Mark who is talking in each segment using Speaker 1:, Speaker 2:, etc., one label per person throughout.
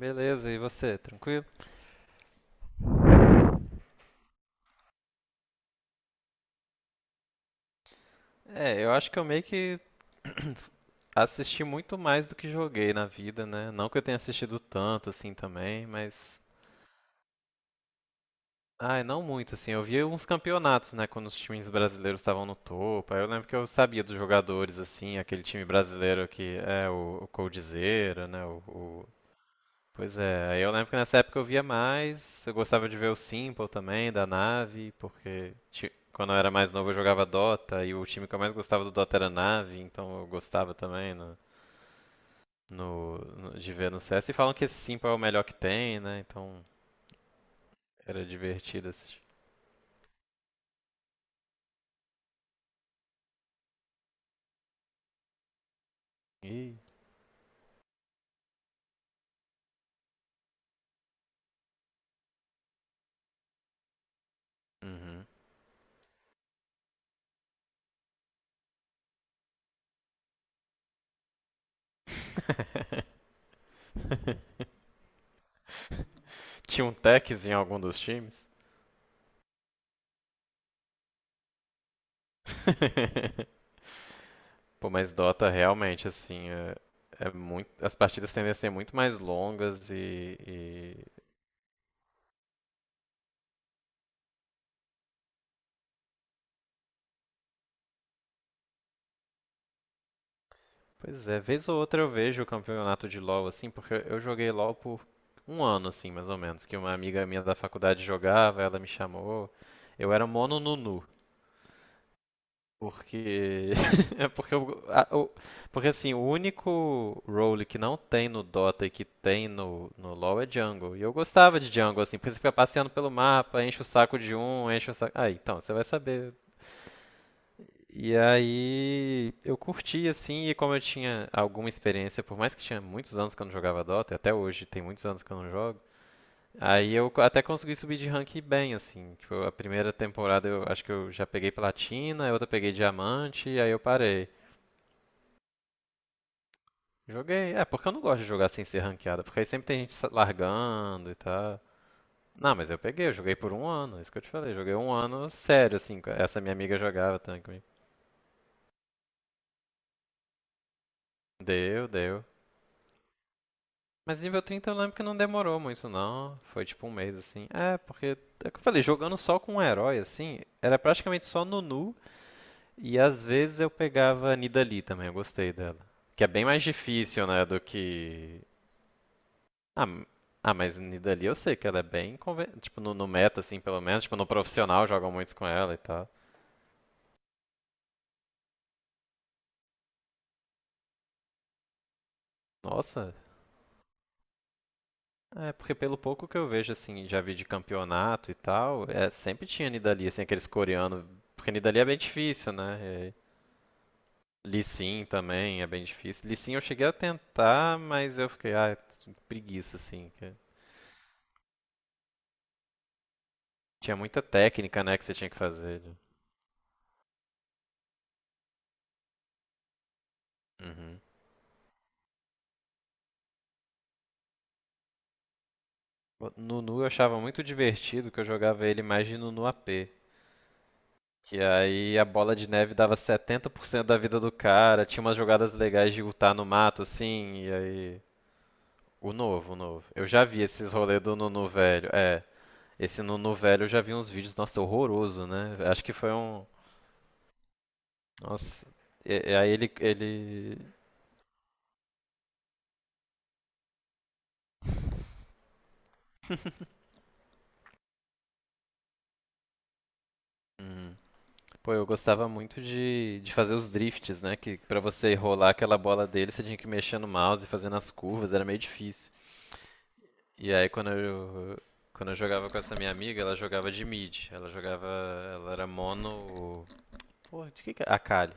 Speaker 1: Beleza, e você, tranquilo? Eu acho que eu meio que assisti muito mais do que joguei na vida, né? Não que eu tenha assistido tanto assim também, mas. Ai, não muito, assim. Eu via uns campeonatos, né? Quando os times brasileiros estavam no topo. Aí eu lembro que eu sabia dos jogadores, assim, aquele time brasileiro que é o Coldzera, né? O Pois é, aí eu lembro que nessa época eu via mais, eu gostava de ver o Simple também, da Nave, porque quando eu era mais novo eu jogava Dota, e o time que eu mais gostava do Dota era a Nave, então eu gostava também de ver no CS, e falam que esse Simple é o melhor que tem, né, então era divertido assistir. Ih. Uhum. Tinha um techzinho em algum dos times? Pô, mas Dota realmente, assim, é muito, as partidas tendem a ser muito mais longas e. Pois é, vez ou outra eu vejo o campeonato de LoL, assim, porque eu joguei LoL por 1 ano, assim, mais ou menos, que uma amiga minha da faculdade jogava, ela me chamou. Eu era mono Nunu, Porque. é porque, eu- a- o- porque assim, o único role que não tem no Dota e que tem no LoL é jungle. E eu gostava de jungle, assim, porque você fica passeando pelo mapa, enche o saco de um, enche o saco. Ah, então, você vai saber. E aí eu curti, assim, e como eu tinha alguma experiência, por mais que tinha muitos anos que eu não jogava Dota, e até hoje tem muitos anos que eu não jogo. Até consegui subir de rank bem, assim. Tipo, a primeira temporada eu acho que eu já peguei platina, a outra eu peguei diamante, aí eu parei. Joguei. É, porque eu não gosto de jogar sem ser ranqueada, porque aí sempre tem gente largando e tal. Não, mas eu peguei, eu joguei por 1 ano, isso que eu te falei. Joguei 1 ano sério, assim. Essa minha amiga jogava também comigo. Deu, deu. Mas nível 30 eu lembro que não demorou muito, não. Foi tipo 1 mês, assim. É, porque. É o que eu falei, jogando só com um herói, assim, era praticamente só Nunu. E às vezes eu pegava a Nidalee também, eu gostei dela. Que é bem mais difícil, né, do que Ah, m- ah, mas Nidalee eu sei que ela é bem conven... Tipo, no meta, assim, pelo menos. Tipo, no profissional jogam muitos com ela e tal. Nossa, é porque pelo pouco que eu vejo, assim, já vi de campeonato e tal, é, sempre tinha Nidalee, assim, aqueles coreanos. Porque Nidalee é bem difícil, né? É, Lee Sin também é bem difícil. Lee Sin eu cheguei a tentar, mas eu fiquei, ah, preguiça, assim. Que tinha muita técnica, né, que você tinha que fazer. Né? Uhum. O Nunu eu achava muito divertido que eu jogava ele mais de Nunu AP. Que aí a bola de neve dava 70% da vida do cara, tinha umas jogadas legais de lutar no mato, assim, e aí. O novo, o novo. Eu já vi esses rolês do Nunu velho. É, esse Nunu velho eu já vi uns vídeos, nossa, horroroso, né? Acho que foi um. Nossa. E, e aí ele. ele... Hum. Pô, eu gostava muito de fazer os drifts, né? Que pra você rolar aquela bola dele, você tinha que mexer no mouse e fazendo as curvas, era meio difícil. E aí quando eu, quando eu jogava com essa minha amiga, ela jogava de mid. Ela jogava. Ela era mono. Porra, de que é? Akali.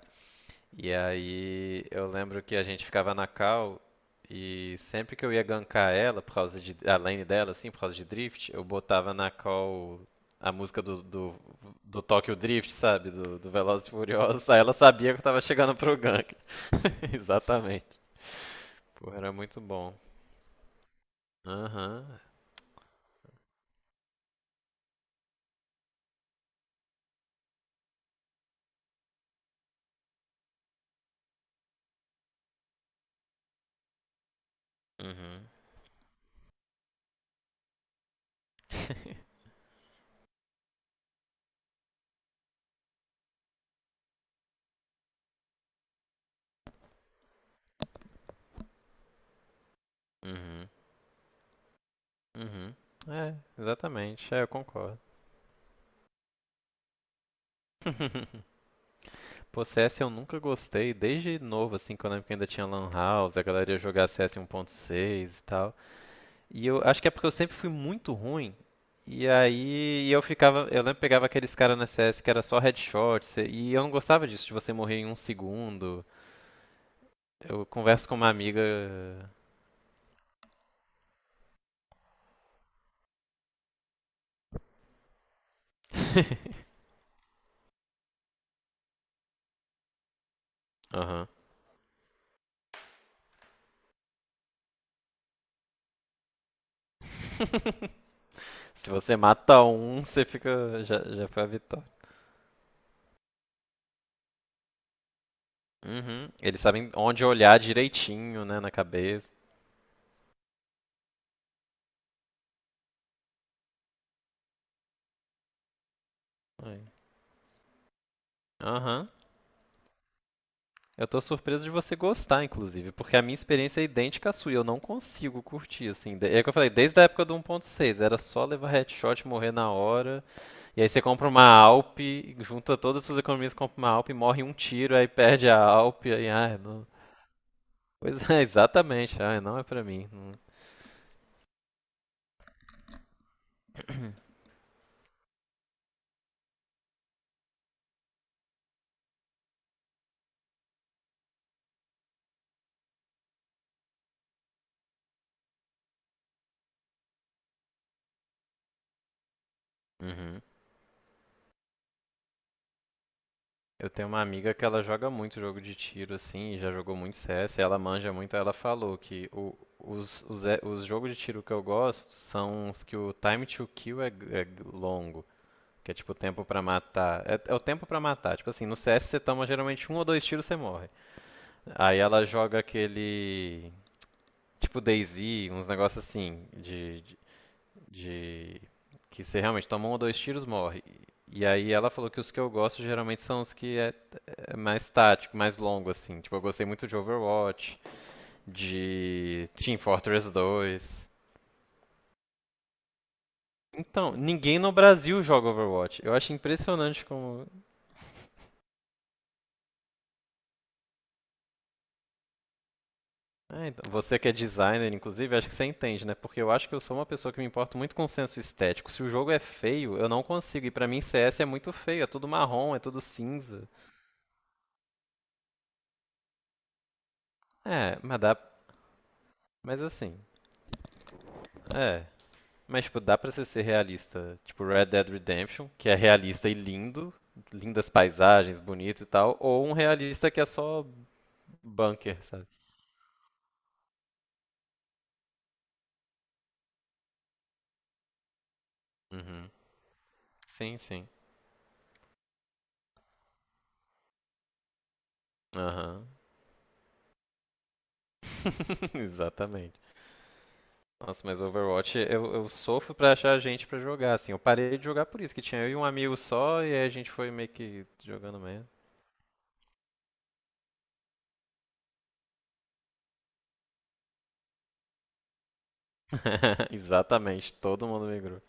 Speaker 1: E aí eu lembro que a gente ficava na cal e sempre que eu ia gankar ela, por causa de. A lane dela, assim, por causa de drift, eu botava na cal a música do Tokyo Drift, sabe? Do Velozes e Furiosos. Aí ela sabia que eu tava chegando pro gank. Exatamente. Porra, era muito bom. Aham. Uhum. Uhum. Uhum. É, exatamente. É, eu concordo. Pô, CS eu nunca gostei, desde novo, assim, quando eu lembro que ainda tinha Lan House, a galera ia jogar CS 1.6 e tal. E eu acho que é porque eu sempre fui muito ruim. E aí eu ficava, eu lembro que pegava aqueles caras na CS que era só headshot, e eu não gostava disso, de você morrer em um segundo. Eu converso com uma amiga. Aham. Se você mata um, você fica. Já foi a vitória. Uhum. Eles sabem onde olhar direitinho, né, na cabeça. Ai. Aham. Eu tô surpreso de você gostar, inclusive, porque a minha experiência é idêntica à sua e eu não consigo curtir, assim. É o que eu falei, desde a época do 1.6, era só levar headshot, morrer na hora. E aí você compra uma Alp, Junta todas as suas economias, compra uma Alp, morre um tiro, aí perde a Alp, aí, ai, não. Pois é, exatamente, ai, não é pra mim. Não. Uhum. Eu tenho uma amiga que ela joga muito jogo de tiro, assim, e já jogou muito CS, e ela manja muito, ela falou que os jogos de tiro que eu gosto são os que o time to kill é, longo, que é tipo o tempo pra matar. É, é o tempo pra matar, tipo assim, no CS você toma geralmente um ou dois tiros e você morre. Aí ela joga aquele, tipo DayZ, uns negócios assim, de que você realmente toma um ou dois tiros, morre. E aí ela falou que os que eu gosto geralmente são os que é mais tático, mais longo, assim. Tipo, eu gostei muito de Overwatch, de Team Fortress 2. Então, ninguém no Brasil joga Overwatch. Eu acho impressionante como. Ah, então, você que é designer, inclusive, acho que você entende, né? Porque eu acho que eu sou uma pessoa que me importa muito com o senso estético. Se o jogo é feio, eu não consigo. E pra mim, CS é muito feio. É tudo marrom, é tudo cinza. É, mas dá. Mas assim. É. Mas, tipo, dá pra você ser realista. Tipo, Red Dead Redemption, que é realista e lindo, lindas paisagens, bonito e tal, ou um realista que é só bunker, sabe? Uhum. Sim, sim. Aham. Exatamente. Nossa, mas Overwatch, eu sofro pra achar gente pra jogar, assim. Eu parei de jogar por isso, que tinha eu e um amigo só, e aí a gente foi meio que jogando mesmo. Exatamente, todo mundo migrou.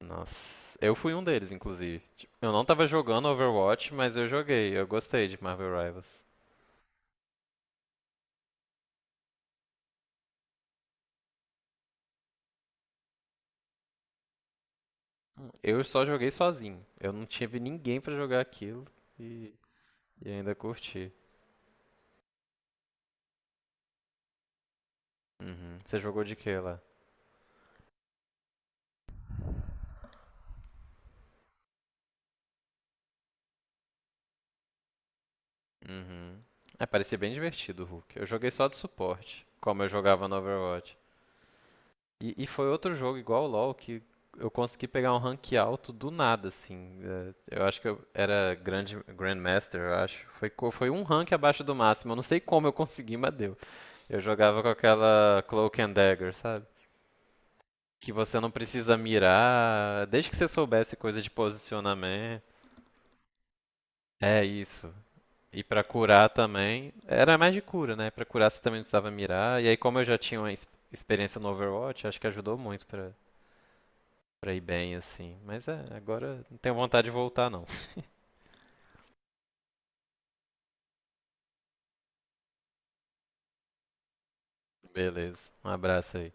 Speaker 1: Nossa, eu fui um deles, inclusive. Tipo, eu não tava jogando Overwatch, mas eu joguei. Eu gostei de Marvel Rivals. Eu só joguei sozinho. Eu não tive ninguém pra jogar aquilo e, e ainda curti. Uhum. Você jogou de quê lá? Uhum. É, parecia bem divertido o Hulk. Eu joguei só de suporte, como eu jogava no Overwatch. Foi outro jogo igual o LoL que eu consegui pegar um rank alto do nada, assim. É, eu acho que eu era grande Grandmaster, eu acho. Foi um rank abaixo do máximo. Eu não sei como eu consegui, mas deu. Eu jogava com aquela Cloak and Dagger, sabe? Que você não precisa mirar, desde que você soubesse coisa de posicionamento. É isso. E pra curar também, era mais de cura, né? Pra curar você também não precisava mirar. E aí, como eu já tinha uma experiência no Overwatch, acho que ajudou muito pra ir bem, assim. Mas é, agora não tenho vontade de voltar, não. Beleza. Um abraço aí.